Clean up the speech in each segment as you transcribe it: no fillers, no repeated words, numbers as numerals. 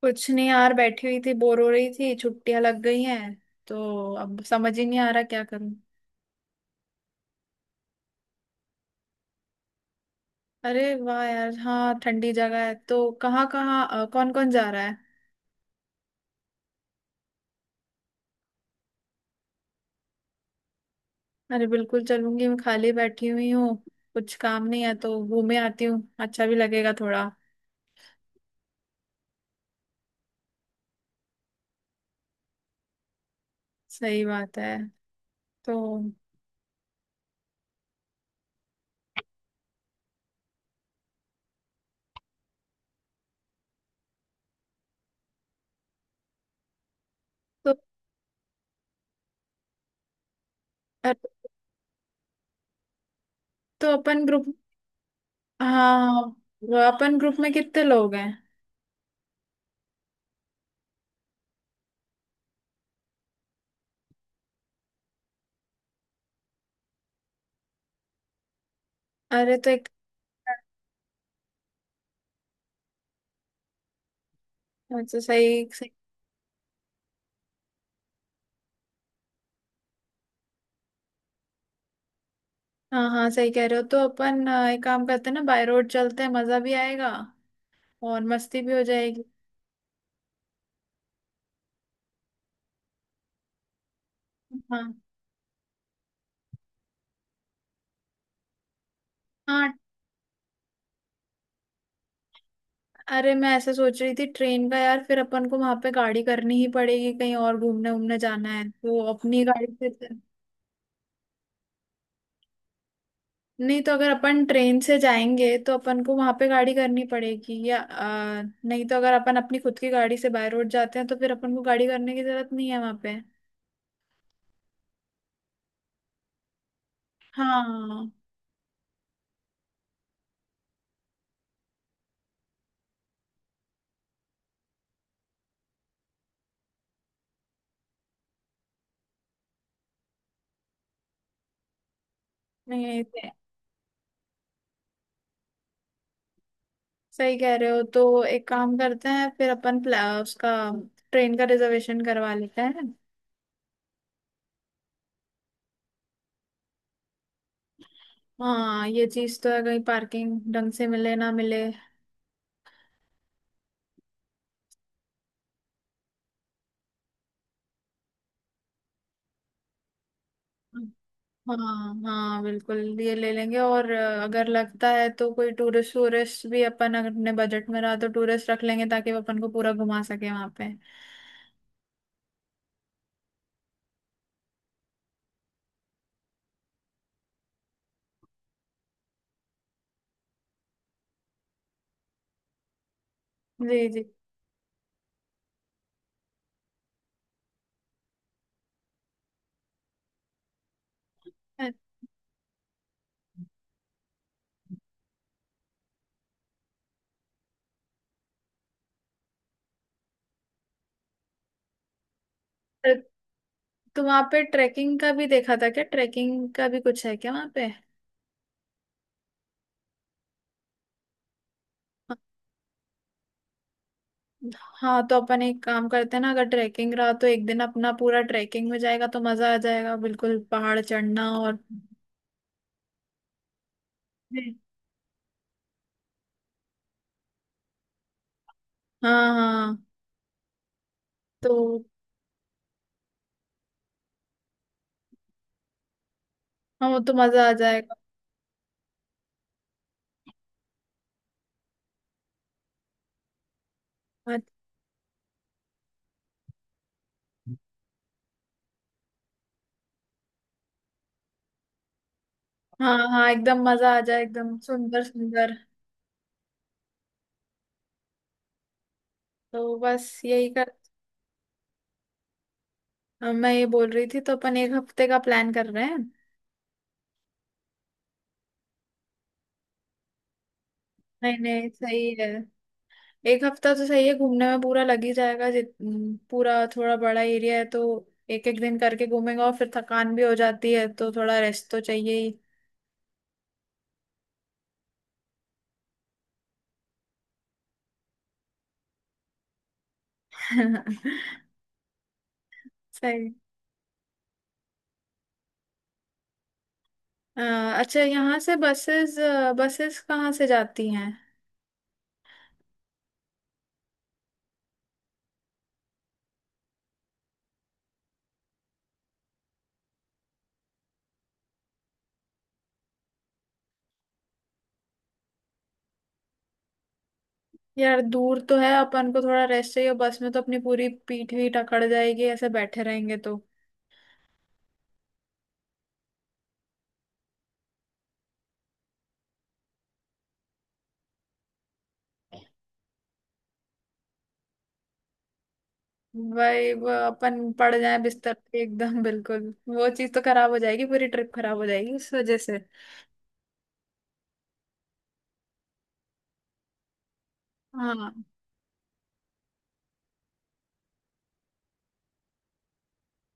कुछ नहीं यार, बैठी हुई थी, बोर हो रही थी, छुट्टियां लग गई हैं तो अब समझ ही नहीं आ रहा क्या करूं। अरे वाह यार। हाँ, ठंडी जगह है तो कहाँ कहाँ कौन कौन जा रहा है? अरे बिल्कुल चलूंगी, मैं खाली बैठी हुई हूँ। कुछ काम नहीं है तो घूमे आती हूँ, अच्छा भी लगेगा थोड़ा। सही बात है। तो तो तो अपन ग्रुप। हाँ, वो अपन ग्रुप में कितने लोग हैं? अरे तो एक। अच्छा, सही सही। हाँ हाँ, सही कह रहे हो। तो अपन एक काम करते हैं ना, बाय रोड चलते हैं, मजा भी आएगा और मस्ती भी हो जाएगी। हाँ हाँ। अरे, मैं ऐसे सोच रही थी ट्रेन का यार, फिर अपन को वहां पे गाड़ी करनी ही पड़ेगी, कहीं और घूमने घूमने जाना है तो अपनी गाड़ी से। नहीं, तो अगर अपन ट्रेन से जाएंगे तो अपन को वहां पे गाड़ी करनी पड़ेगी, या नहीं तो अगर अपन अपनी खुद की गाड़ी से बाय रोड जाते हैं तो फिर अपन को गाड़ी करने की जरूरत नहीं है वहां पे। हाँ। नहीं, सही कह रहे हो। तो एक काम करते हैं, फिर अपन उसका ट्रेन का रिजर्वेशन करवा लेते हैं। हाँ, ये चीज तो है, कहीं पार्किंग ढंग से मिले ना मिले। हाँ हाँ बिल्कुल, ये ले लेंगे। और अगर लगता है तो कोई टूरिस्ट, टूरिस्ट भी अपन अगर अपने बजट में रहा तो टूरिस्ट रख लेंगे ताकि वो अपन को पूरा घुमा सके वहाँ पे। जी जी। अ, तो तो वहाँ पे ट्रैकिंग का भी देखा था क्या, ट्रैकिंग का भी कुछ है क्या वहाँ पे? हाँ, तो अपन एक काम करते हैं ना, अगर ट्रैकिंग रहा तो एक दिन अपना पूरा ट्रैकिंग में जाएगा, तो मजा आ जाएगा बिल्कुल, पहाड़ चढ़ना और। हाँ हाँ। तो। हाँ, वो तो मजा आ जाएगा। हाँ हाँ, एकदम मजा आ जाए, एकदम सुंदर सुंदर। तो बस यही कर। मैं ये बोल रही थी, तो अपन एक हफ्ते का प्लान कर रहे हैं। नहीं नहीं, सही है। एक हफ्ता तो सही है, घूमने में पूरा लग ही जाएगा, जित पूरा थोड़ा बड़ा एरिया है तो। एक एक दिन करके घूमेंगे और फिर थकान भी हो जाती है तो थोड़ा रेस्ट तो चाहिए ही। सही। अ, अच्छा, यहाँ से बसेस बसेस कहाँ से जाती हैं? यार दूर तो है, अपन को थोड़ा रेस्ट चाहिए, बस में तो अपनी पूरी पीठ भी अकड़ जाएगी ऐसे बैठे रहेंगे तो। वही, वो अपन पड़ जाए बिस्तर पे एकदम बिल्कुल, वो चीज तो खराब हो जाएगी, पूरी ट्रिप खराब हो जाएगी उस वजह से। हाँ हाँ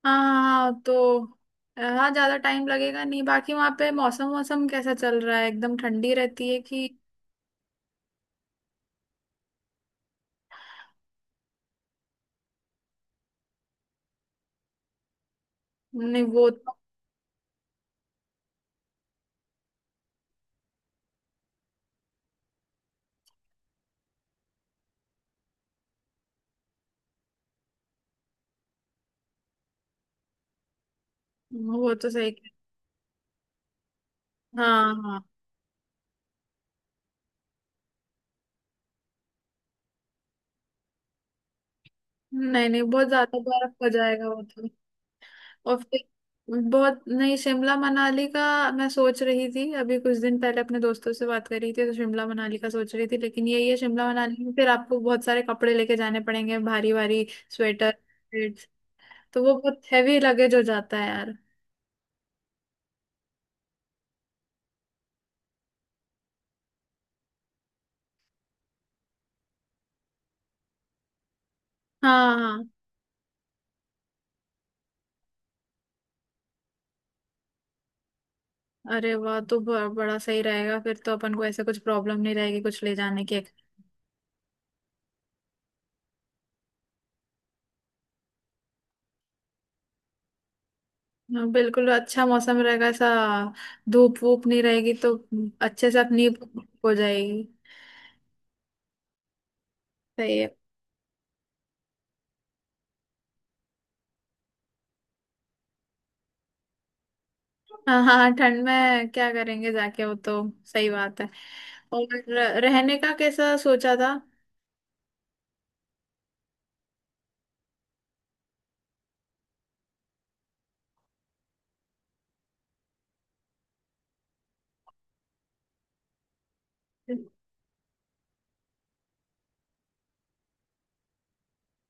हाँ, तो हाँ, ज्यादा टाइम लगेगा नहीं। बाकी वहाँ पे मौसम, मौसम कैसा चल रहा है, एकदम ठंडी रहती है कि। नहीं, वो तो, वो तो सही। हाँ हाँ। नहीं नहीं, बहुत ज्यादा बर्फ हो जाएगा वो तो। और फिर, बहुत नहीं, शिमला मनाली का। मैं सोच रही थी, अभी कुछ दिन पहले अपने दोस्तों से बात कर रही थी, तो शिमला मनाली का सोच रही थी, लेकिन यही है शिमला मनाली में फिर आपको बहुत सारे कपड़े लेके जाने पड़ेंगे, भारी भारी स्वेटर, jackets, तो वो बहुत हैवी लगेज हो जाता है यार। हाँ हाँ। अरे वाह, तो बड़ा सही रहेगा फिर तो, अपन को ऐसे कुछ प्रॉब्लम नहीं रहेगी कुछ ले जाने की। हाँ, बिल्कुल अच्छा मौसम रहेगा ऐसा, धूप वूप नहीं रहेगी, तो अच्छे से अपनी हो जाएगी। सही है। हाँ हाँ हाँ, ठंड में क्या करेंगे जाके, वो तो सही बात है। और रहने का कैसा सोचा था?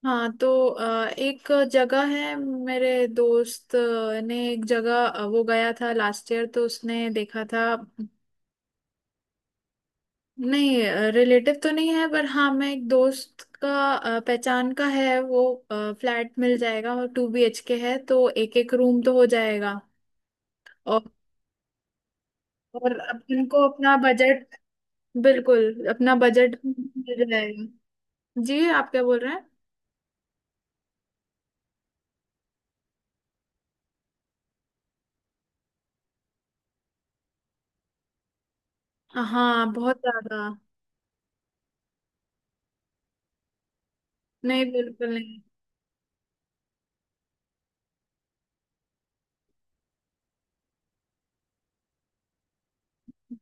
हाँ, तो एक जगह है, मेरे दोस्त ने एक जगह, वो गया था लास्ट ईयर, तो उसने देखा था। नहीं, रिलेटिव तो नहीं है, पर हाँ, मैं एक दोस्त का, पहचान का है वो। फ्लैट मिल जाएगा और 2BHK है, तो एक एक रूम तो हो जाएगा। और और अपन को अपना बजट, बिल्कुल अपना बजट मिल जाएगा। जी, आप क्या बोल रहे हैं? हाँ, बहुत ज्यादा। नहीं, बिल्कुल नहीं।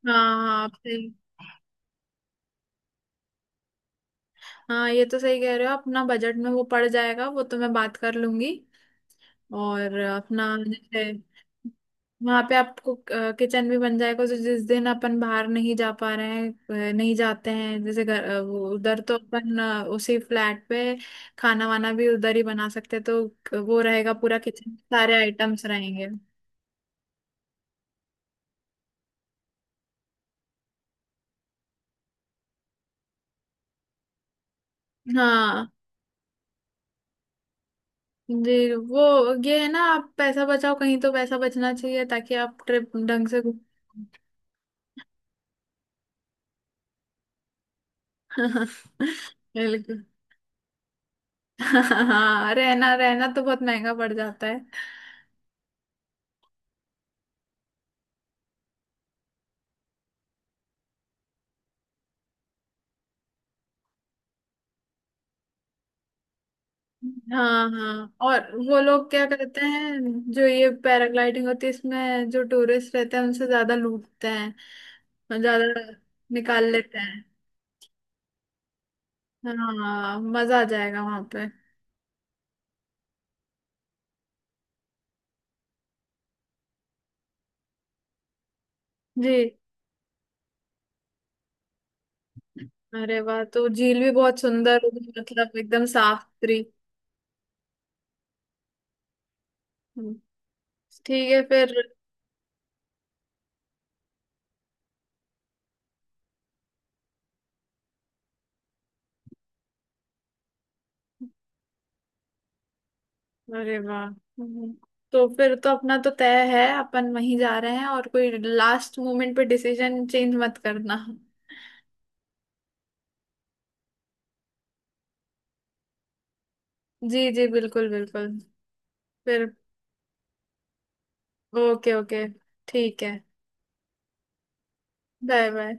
हाँ हाँ, आप सही। हाँ, ये तो सही कह रहे हो, अपना बजट में वो पड़ जाएगा, वो तो मैं बात कर लूंगी। और अपना जैसे। वहां पे आपको किचन भी बन जाएगा, तो जिस दिन अपन बाहर नहीं जा पा रहे हैं, नहीं जाते हैं जैसे घर, वो उधर तो अपन उसी फ्लैट पे खाना वाना भी उधर ही बना सकते हैं, तो वो रहेगा पूरा किचन, सारे आइटम्स रहेंगे। हाँ। जी वो, ये है ना, आप पैसा बचाओ कहीं, तो पैसा बचना चाहिए ताकि आप ट्रिप ढंग से घूम। बिल्कुल। हाँ, रहना रहना तो बहुत महंगा पड़ जाता है। हाँ हाँ। और वो लोग क्या करते हैं, जो ये पैराग्लाइडिंग होती है इसमें, जो टूरिस्ट रहते हैं उनसे ज्यादा लूटते हैं, और ज्यादा निकाल लेते हैं। हाँ, मजा आ जाएगा वहां पे। जी। अरे वाह, तो झील भी बहुत सुंदर होगी, मतलब एकदम साफ सुथरी। हम्म, ठीक है फिर। अरे वाह। तो फिर तो अपना तो तय है, अपन वहीं जा रहे हैं, और कोई लास्ट मोमेंट पे डिसीजन चेंज मत करना। जी जी, बिल्कुल बिल्कुल। फिर। ओके ओके, ठीक है। Bye bye.